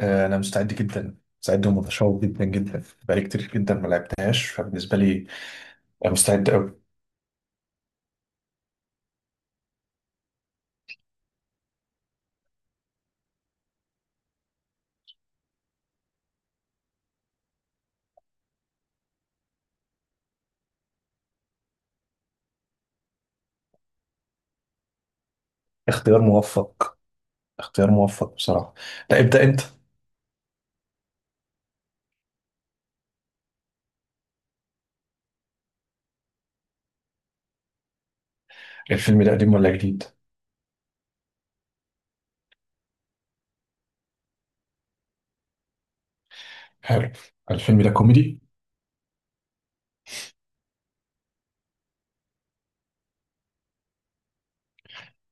انا مستعد جدا. مستعد ومتشوق جدا جدا. بقالي كتير جدا ما لعبتهاش فبالنسبه لي أنا مستعد قوي. اختيار موفق. اختيار موفق بصراحه. لا، ابدا انت. الفيلم ده قديم ولا جديد؟ حلو. الفيلم ده كوميدي؟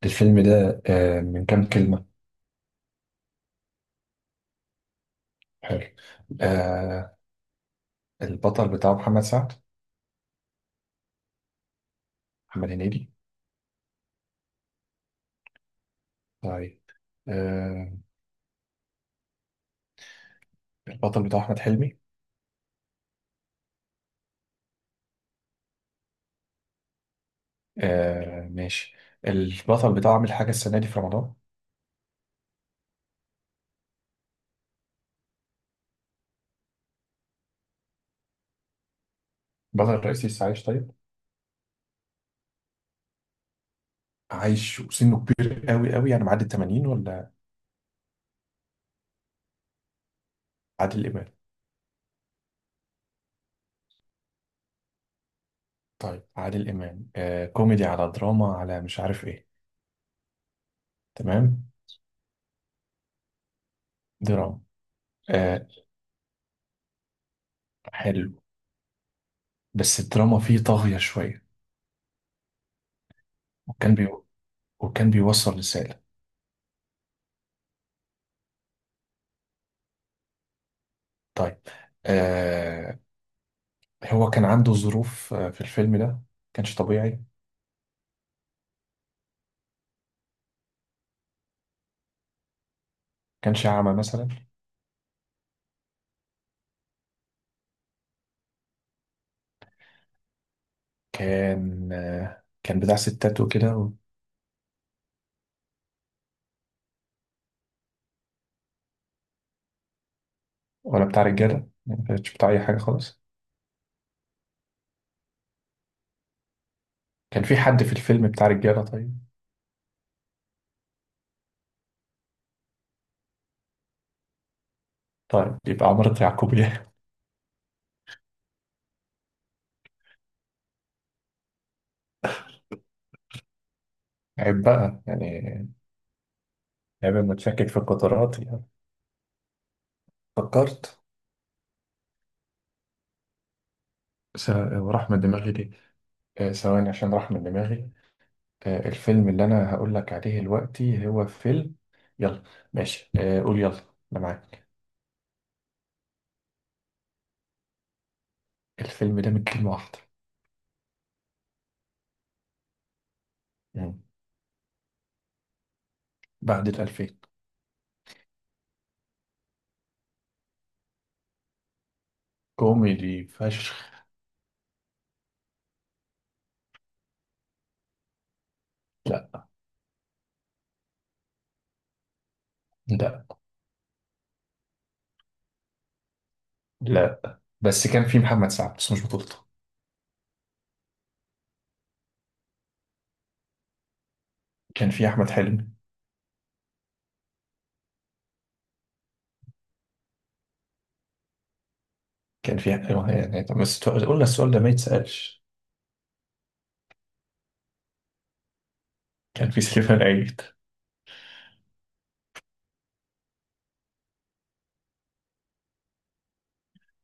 الفيلم ده من كام كلمه؟ حلو. آه، البطل بتاعه محمد سعد؟ محمد هنيدي؟ طيب. آه، البطل بتاعه احمد حلمي؟ آه، ماشي. البطل بتاعه عامل حاجه السنه دي في رمضان؟ البطل الرئيسي لسه عايش؟ طيب. عايش وسنه كبير قوي قوي، يعني معدي ال 80 ولا؟ عادل امام. طيب عادل امام كوميدي على دراما على مش عارف ايه. تمام. دراما. آه. حلو. بس الدراما فيه طاغية شوية. وكان بي وكان بيوصل رسالة. طيب. آه. هو كان عنده ظروف في الفيلم ده؟ كانش طبيعي؟ كانش أعمى مثلا؟ كان بتاع ستات وكده ولا بتاع رجالة؟ ما كانش بتاع أي حاجة خالص. كان في حد في الفيلم بتاع رجالة؟ طيب. طيب يبقى عمارة يعقوبيان. عيب بقى يعني. عيب متشكك في القطارات يعني. فكرت. س... وراح من دماغي ليه؟ ثواني عشان راح من دماغي. الفيلم اللي انا هقول لك عليه دلوقتي هو فيلم. يلا. ماشي، قول يلا، انا معاك. الفيلم ده من كلمة واحدة؟ مم. بعد 2000. كوميدي فشخ. لا. لا. لا، بس كان في محمد سعد بس مش بطولته. كان في أحمد حلمي. كان في أيوة، يعني طب بس قلنا السؤال ده ما يتسألش. كان في سليمان عيد.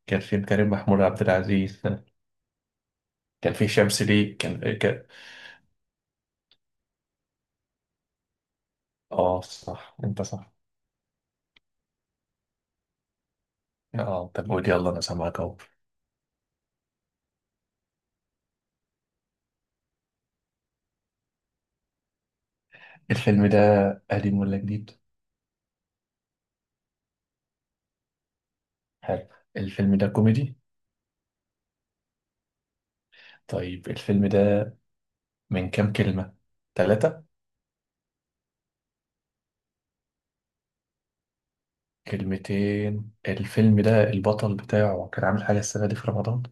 كان في كريم محمود عبد العزيز. كان في شمس، ليه كان إيه. اه صح انت صح. اه طب قول يلا، انا سامعك اهو. الفيلم ده قديم ولا جديد؟ حلو. الفيلم ده كوميدي؟ طيب الفيلم ده من كام كلمة؟ ثلاثة؟ كلمتين. الفيلم ده البطل بتاعه كان عامل حاجة السنة دي في رمضان؟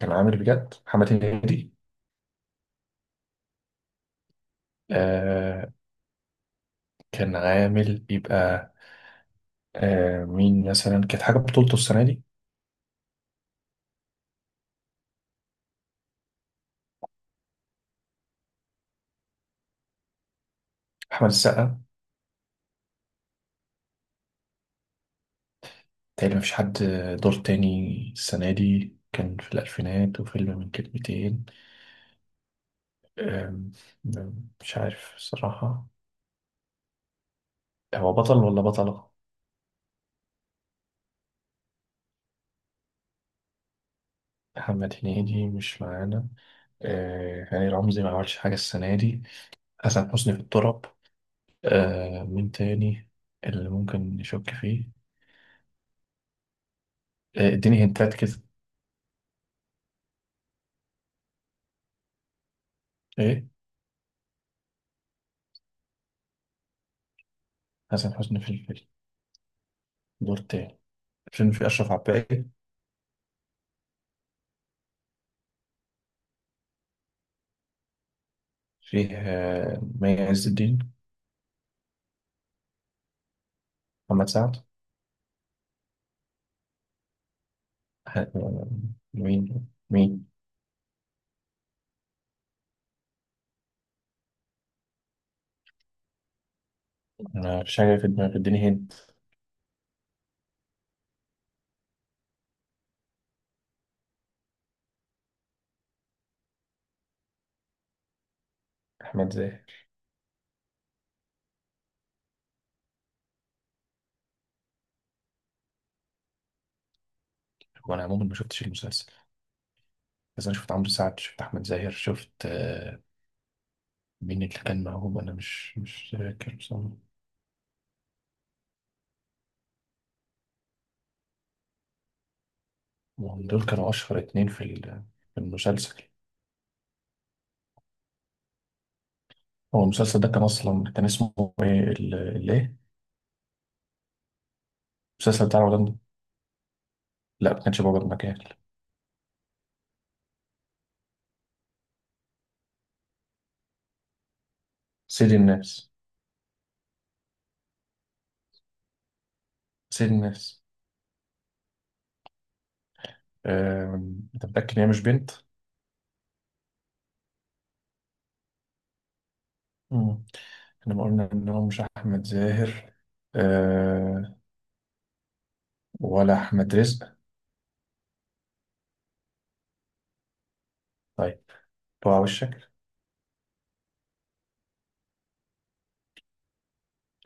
كان عامل بجد؟ محمد هنيدي؟ آه. كان عامل يبقى مين مثلا كانت حاجة بطولته السنة دي؟ أحمد السقا؟ تقريبا مفيش حد. دور تاني. السنة دي كان في الألفينات وفيلم من كلمتين. أم، أم، مش عارف الصراحة. هو بطل ولا بطلة؟ محمد هنيدي مش معانا. هاني رمزي ما عملش حاجة السنة دي. حسن حسني في التراب. مين تاني اللي ممكن نشك فيه؟ اديني هنتات كده. ايه؟ حسن حسني في الفيلم؟ دور تاني. الفيلم فيه أشرف عباقي؟ فيه مي عز الدين؟ محمد سعد؟ ه- آه، مين، مين؟ انا مفيش حاجه في دماغي، اديني هنت. احمد زاهر. وانا عموما ما شفتش المسلسل، بس انا شفت عمرو سعد، شفت احمد زاهر، شفت مين اللي كان معاهم انا، مش فاكر بصراحه. وهم دول كانوا اشهر اتنين في في المسلسل. هو المسلسل ده كان اصلا كان اسمه ايه، ايه؟ المسلسل بتاع رمضان ده؟ لا ما كانش بابا المكان. سيد الناس. سيد الناس. انت متاكد ان هي مش بنت؟ مم. احنا ما قلنا ان هو مش احمد زاهر؟ آه. ولا احمد رزق؟ طيب. بقى وشك.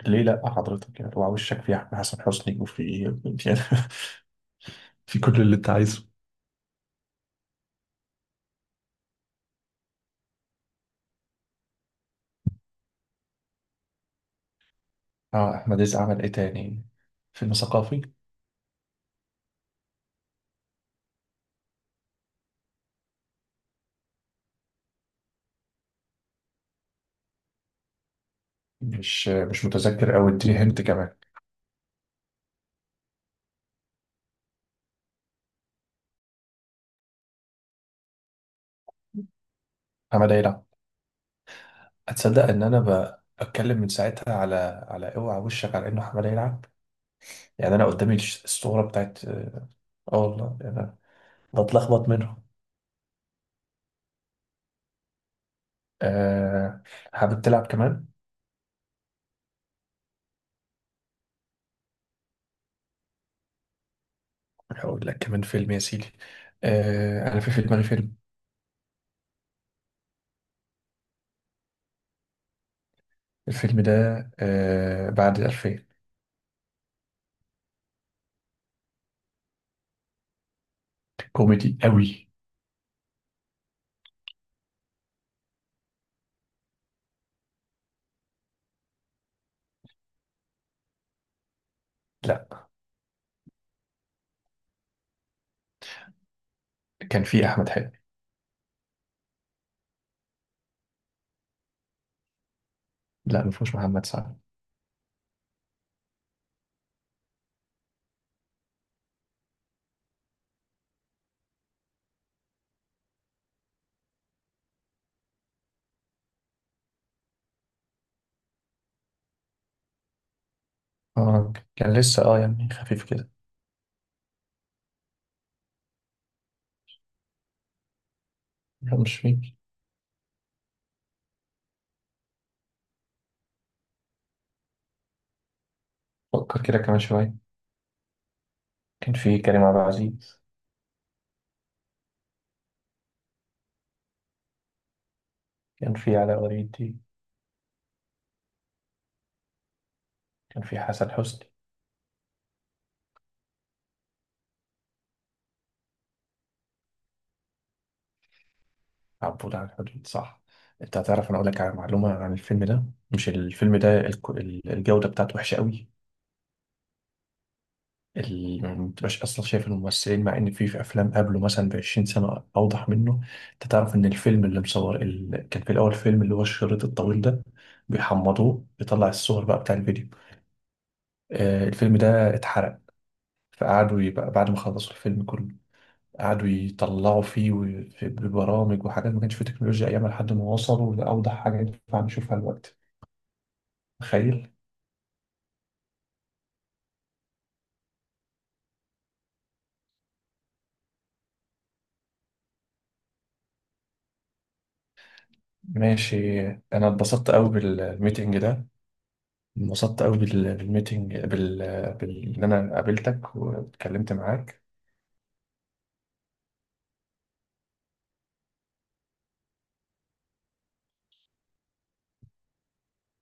ليه لا حضرتك؟ يعني وعلى وشك في احمد، حسن حسني، وفي إيه؟ يعني في كل اللي انت عايزه. اه، احمد عز عمل ايه تاني؟ فيلم ثقافي. مش متذكر قوي، اديني هنت كمان. حماده يلعب. هتصدق ان انا بتكلم من ساعتها على اوعى وشك على انه حماده يلعب. يعني انا قدامي الصوره بتاعت آه والله يعني. أنا بتلخبط منهم. آه. حابب تلعب كمان؟ هقول لك كمان فيلم يا سيدي. انا في دماغي فيلم. الفيلم ده بعد 2000. كوميدي قوي. لا. كان في احمد حلمي. لا، ما فيهوش محمد سعد. اه، كان لسه يعني خفيف كده. لا مش فيه. فكر كده كمان شويه. كان في كريم عبد العزيز. كان في علاء ولي الدين. كان في حسن حسني. عبود على الحدود صح. انت هتعرف، انا اقول لك على معلومه عن الفيلم ده. مش الفيلم ده، الجوده بتاعته وحشه قوي. يعني ما بتبقاش اصلا شايف الممثلين، مع ان في افلام قبله مثلا ب 20 سنه اوضح منه. انت تعرف ان الفيلم اللي مصور كان في الاول، فيلم اللي هو الشريط الطويل ده، بيحمضوه بيطلع الصور بقى بتاع الفيديو. الفيلم ده اتحرق. فقعدوا يبقى بعد ما خلصوا الفيلم كله قعدوا يطلعوا فيه ببرامج وحاجات، ما كانش في تكنولوجيا ايامها لحد ما وصلوا لاوضح حاجه ينفع نشوفها دلوقتي. تخيل. ماشي. انا اتبسطت قوي بالميتنج ده. انبسطت قوي بالميتنج ان انا قابلتك واتكلمت معاك.